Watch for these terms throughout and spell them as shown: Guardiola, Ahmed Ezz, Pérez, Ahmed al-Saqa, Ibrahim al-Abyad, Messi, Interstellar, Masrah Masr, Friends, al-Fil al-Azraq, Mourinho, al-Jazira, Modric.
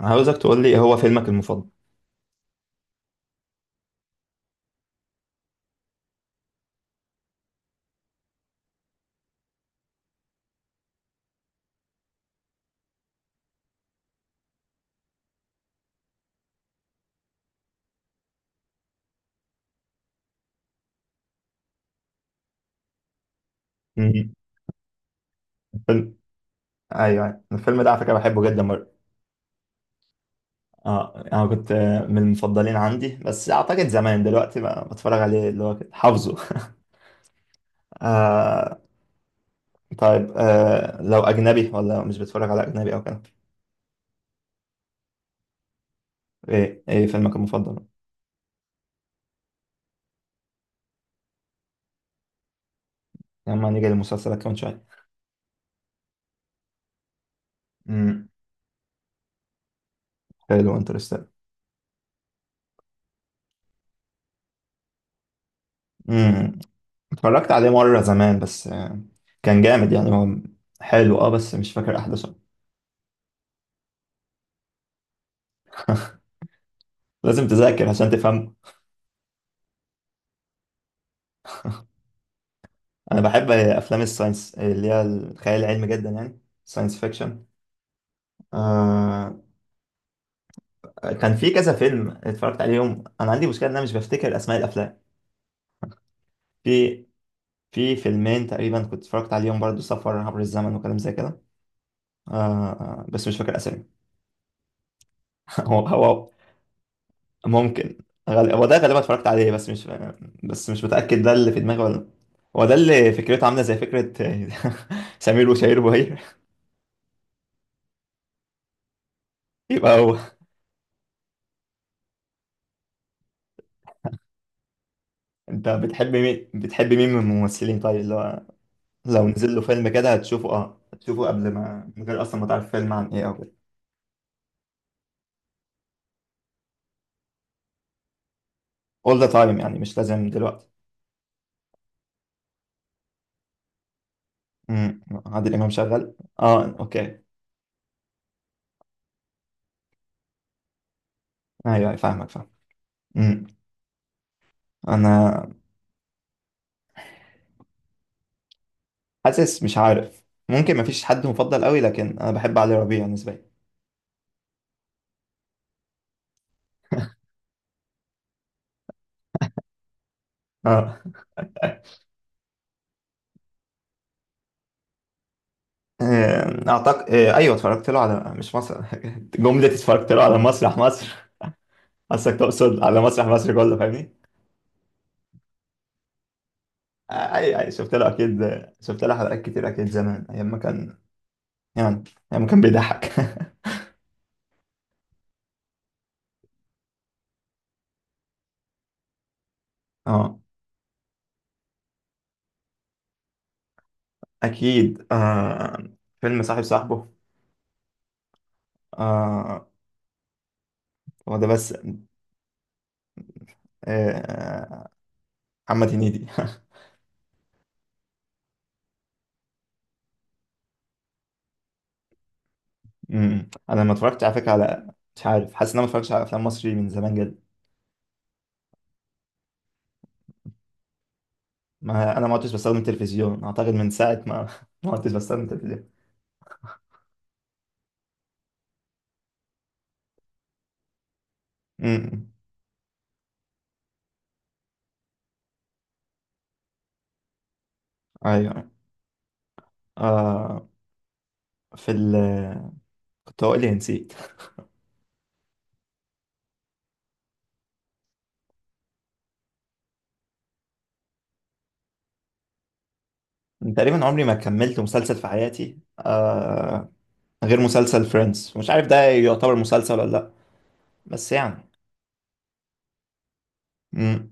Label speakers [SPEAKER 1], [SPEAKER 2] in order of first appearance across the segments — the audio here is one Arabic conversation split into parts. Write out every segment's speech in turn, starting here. [SPEAKER 1] عاوزك تقول لي إيه هو فيلمك المفضل؟ مم. الفيلم ايوه أيوة. الفيلم ده على فكره بحبه جدا برضه. اه، انا كنت من المفضلين عندي، بس اعتقد زمان، دلوقتي بقى بتفرج عليه اللي هو كده حافظه. آه. طيب، لو أجنبي ولا مش بتتفرج على أجنبي أو كده؟ إيه فيلمك المفضل؟ يا عم، هنيجي لمسلسلك كمان شوية. امم. حلو، انترستيلر. امم. اتفرجت عليه مرة زمان بس آه، كان جامد يعني هو. حلو بس مش فاكر أحداثه. لازم تذاكر عشان تفهم. أنا بحب أفلام الساينس، اللي هي الخيال العلمي جدا، يعني ساينس فيكشن. آه. كان في كذا فيلم اتفرجت عليهم، أنا عندي مشكلة إن أنا مش بفتكر أسماء الأفلام. في في فيلمين تقريبا كنت اتفرجت عليهم برضو، سفر عبر الزمن وكلام زي كده. بس مش فاكر اسامي. هو هو. ممكن. هو ده غالبا اتفرجت عليه، بس مش متأكد ده اللي في دماغي ولا لأ. هو ده اللي فكرته عاملة زي فكرة سمير وشهير وبهير. يبقى هو. انت بتحب مين من الممثلين طيب، اللي هو لو نزل له فيلم كده هتشوفه قبل ما، من غير اصلا ما تعرف فيلم عن ايه او كده؟ all the time، يعني مش لازم دلوقتي. عادل امام شغال. اه، اوكي. ايوه أيوة، فاهمك فاهمك. مم. انا حاسس مش عارف. ممكن مفيش حد مفضل قوي، لكن انا بحب علي ربيع نسبيا. اه. اعتقد ايوه اتفرجت له على مش مصر. جمله اتفرجت له على مسرح مصر. تقصد على مسرح مصر كله، فاهمني؟ آه، اي شفت له اكيد. شفت له حلقات كتير اكيد زمان، ايام ما كان، يعني ايام ما كان بيضحك. اه، اكيد آه. فيلم صاحب صاحبه. آه. هو ده بس آه. آه، محمد هنيدي. انا ما اتفرجت على فكره على، مش عارف. حاسس ان انا ما اتفرجتش على افلام مصري من زمان جدا. ما انا ما عدتش بستخدم تلفزيون، اعتقد من ساعه ما ما عدتش بستخدم تلفزيون. امم، ايوه. آه في ال، كنت هقول لي نسيت. تقريبا عمري ما كملت مسلسل في حياتي آه، غير مسلسل فريندز. مش عارف ده يعتبر مسلسل ولا لا، بس يعني. امم.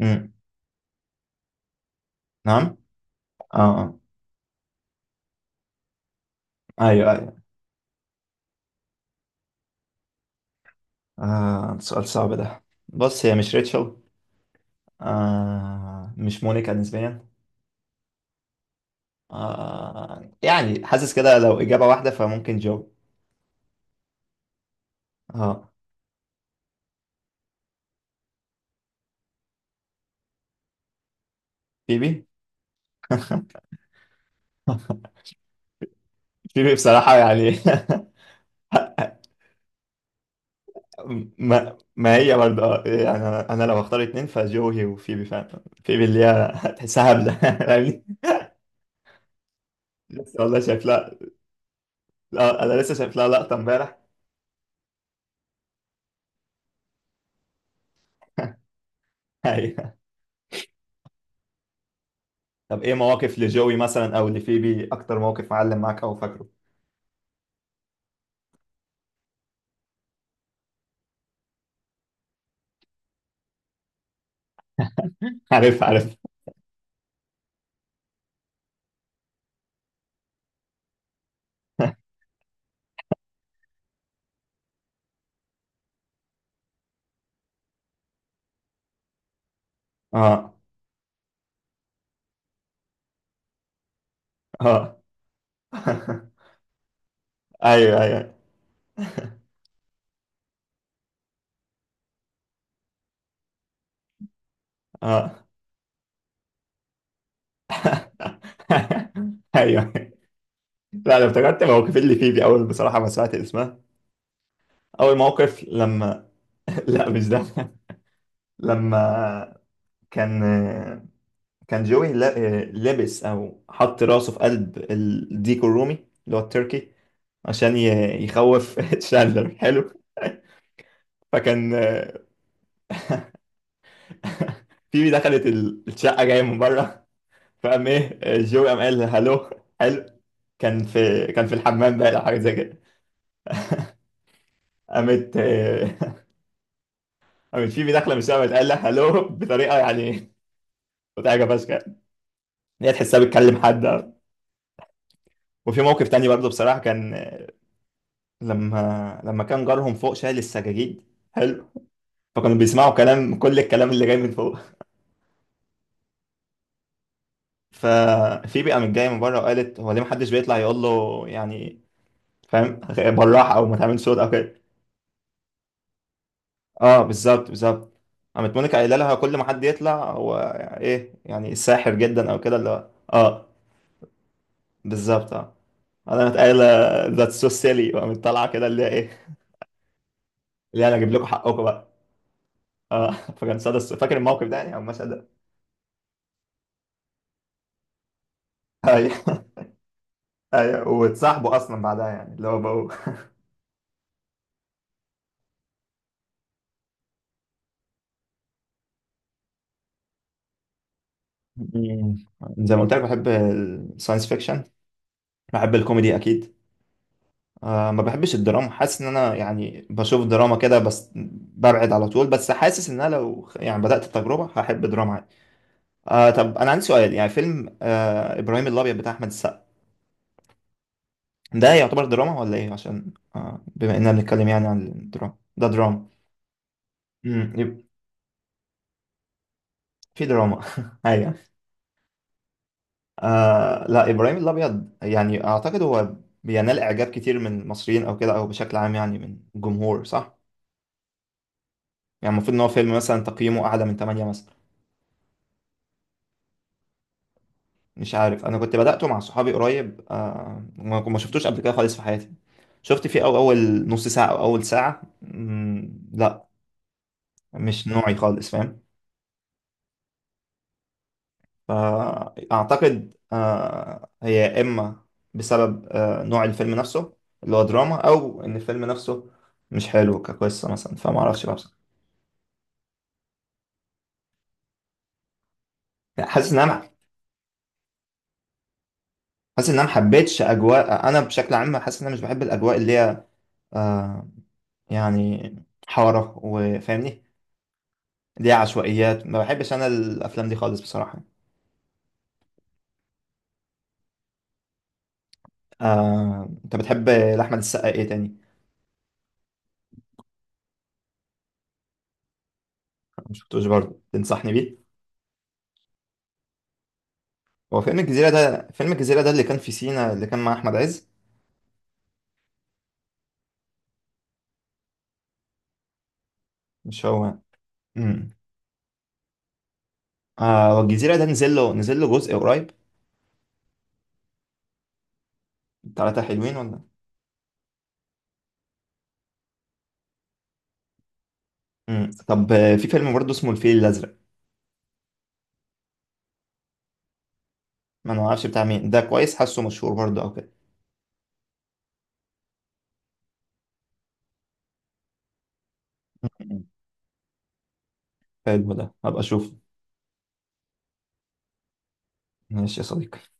[SPEAKER 1] امم. نعم. اه آه. ايوه ايوه. سؤال صعب ده. بص، هي مش ريتشل، مش مونيكا نسبيا. يعني حاسس كده لو إجابة واحدة فممكن جو. اه. بيبي. بيبي بصراحة يعني. ما هي برضه اه، يعني أنا لو هختار اتنين فجو هي وفيبي، فاهم؟ فيبي اللي هي تحسها هبلة فاهمني. لسه والله شايف لها. لا، أنا لسه شايف لها لقطة امبارح. أيوه. طب إيه مواقف لجوي مثلا أو لفيبي؟ أكتر موقف معلم معاك أو فاكره؟ عارف عارف. اه اه. أيوه أيوه. اه. ايوه. لا، انا افتكرت موقف اللي فيه دي اول بصراحه ما سمعت اسمها، اول موقف لما لا، مش ده. لما كان كان جوي لابس او حط راسه في قلب الديك الرومي اللي هو التركي عشان يخوف شاندلر. حلو. فكان في دخلت الشقه جايه من بره، فقام ايه، جوي قام قال هلو. حلو. كان في الحمام بقى او حاجه زي كده. قامت قامت فيبي داخله من الشقه، قامت قال لها هلو بطريقه، يعني حاجه فشخ ان هي تحسها بتكلم حد أو. وفي موقف تاني برضه بصراحه كان، لما كان جارهم فوق شايل السجاجيد. حلو. فكانوا بيسمعوا كل الكلام اللي جاي من فوق. ففي بقى من جايه من بره وقالت هو ليه محدش بيطلع يقول له يعني، فاهم، بالراحه او ما تعملش صوت او كده. اه، بالظبط بالظبط. قامت مونيكا قايله لها كل ما حد يطلع هو، ايه يعني، ساحر جدا او كده اللي هو اه. بالظبط اه، انا قايله ذاتس سو سيلي، وقامت طالعه كده اللي هي ايه، اللي هي انا اجيب لكم حقكم بقى. اه فكان صدى فاكر الموقف ده يعني، او المشهد ده؟ ايوه. ايوه، واتصاحبوا اصلا بعدها يعني، اللي هو بقوا. مم. زي ما قلت لك، بحب الساينس فيكشن، بحب الكوميدي اكيد. ما بحبش الدراما. حاسس ان انا يعني بشوف دراما كده بس ببعد على طول، بس حاسس ان انا لو يعني بدأت التجربة هحب دراما عادي. طب انا عندي سؤال، يعني فيلم ابراهيم الابيض بتاع احمد السقا، ده يعتبر دراما ولا ايه؟ عشان بما اننا بنتكلم يعني عن الدراما. ده دراما. امم، يبقى في دراما. ايوه. لا، ابراهيم الابيض يعني اعتقد هو بينال اعجاب كتير من المصريين او كده، او بشكل عام يعني من الجمهور، صح؟ يعني المفروض ان هو فيلم مثلا تقييمه اعلى من 8 مثلا. مش عارف، انا كنت بدأته مع صحابي قريب، ما شفتوش قبل كده خالص في حياتي. شفت فيه أو اول نص ساعة او اول ساعة، مم، لا. مش نوعي خالص، فاهم. فأعتقد هي يا إما بسبب نوع الفيلم نفسه اللي هو دراما، أو إن الفيلم نفسه مش حلو كقصة مثلا، فما أعرفش بقى بصراحة. يعني حاسس إن أنا محبتش أجواء. أنا بشكل عام حاسس إن أنا مش بحب الأجواء اللي هي آه، يعني حارة وفاهمني. اللي هي عشوائيات، ما بحبش أنا الأفلام دي خالص بصراحة. أنت بتحب لأحمد السقا إيه تاني؟ ما شفتوش برضه، تنصحني بيه؟ هو فيلم الجزيرة ده اللي كان في سينا اللي كان مع أحمد عز؟ مش هو. امم. آه، هو الجزيرة ده نزل له جزء قريب. تلاتة حلوين ولا؟ امم. طب في فيلم برضه اسمه الفيل الأزرق. ما انا ما اعرفش بتاع مين ده، كويس، حاسه مشهور برضه او كده. مم. حلو، ده هبقى اشوفه. ماشي يا صديقي.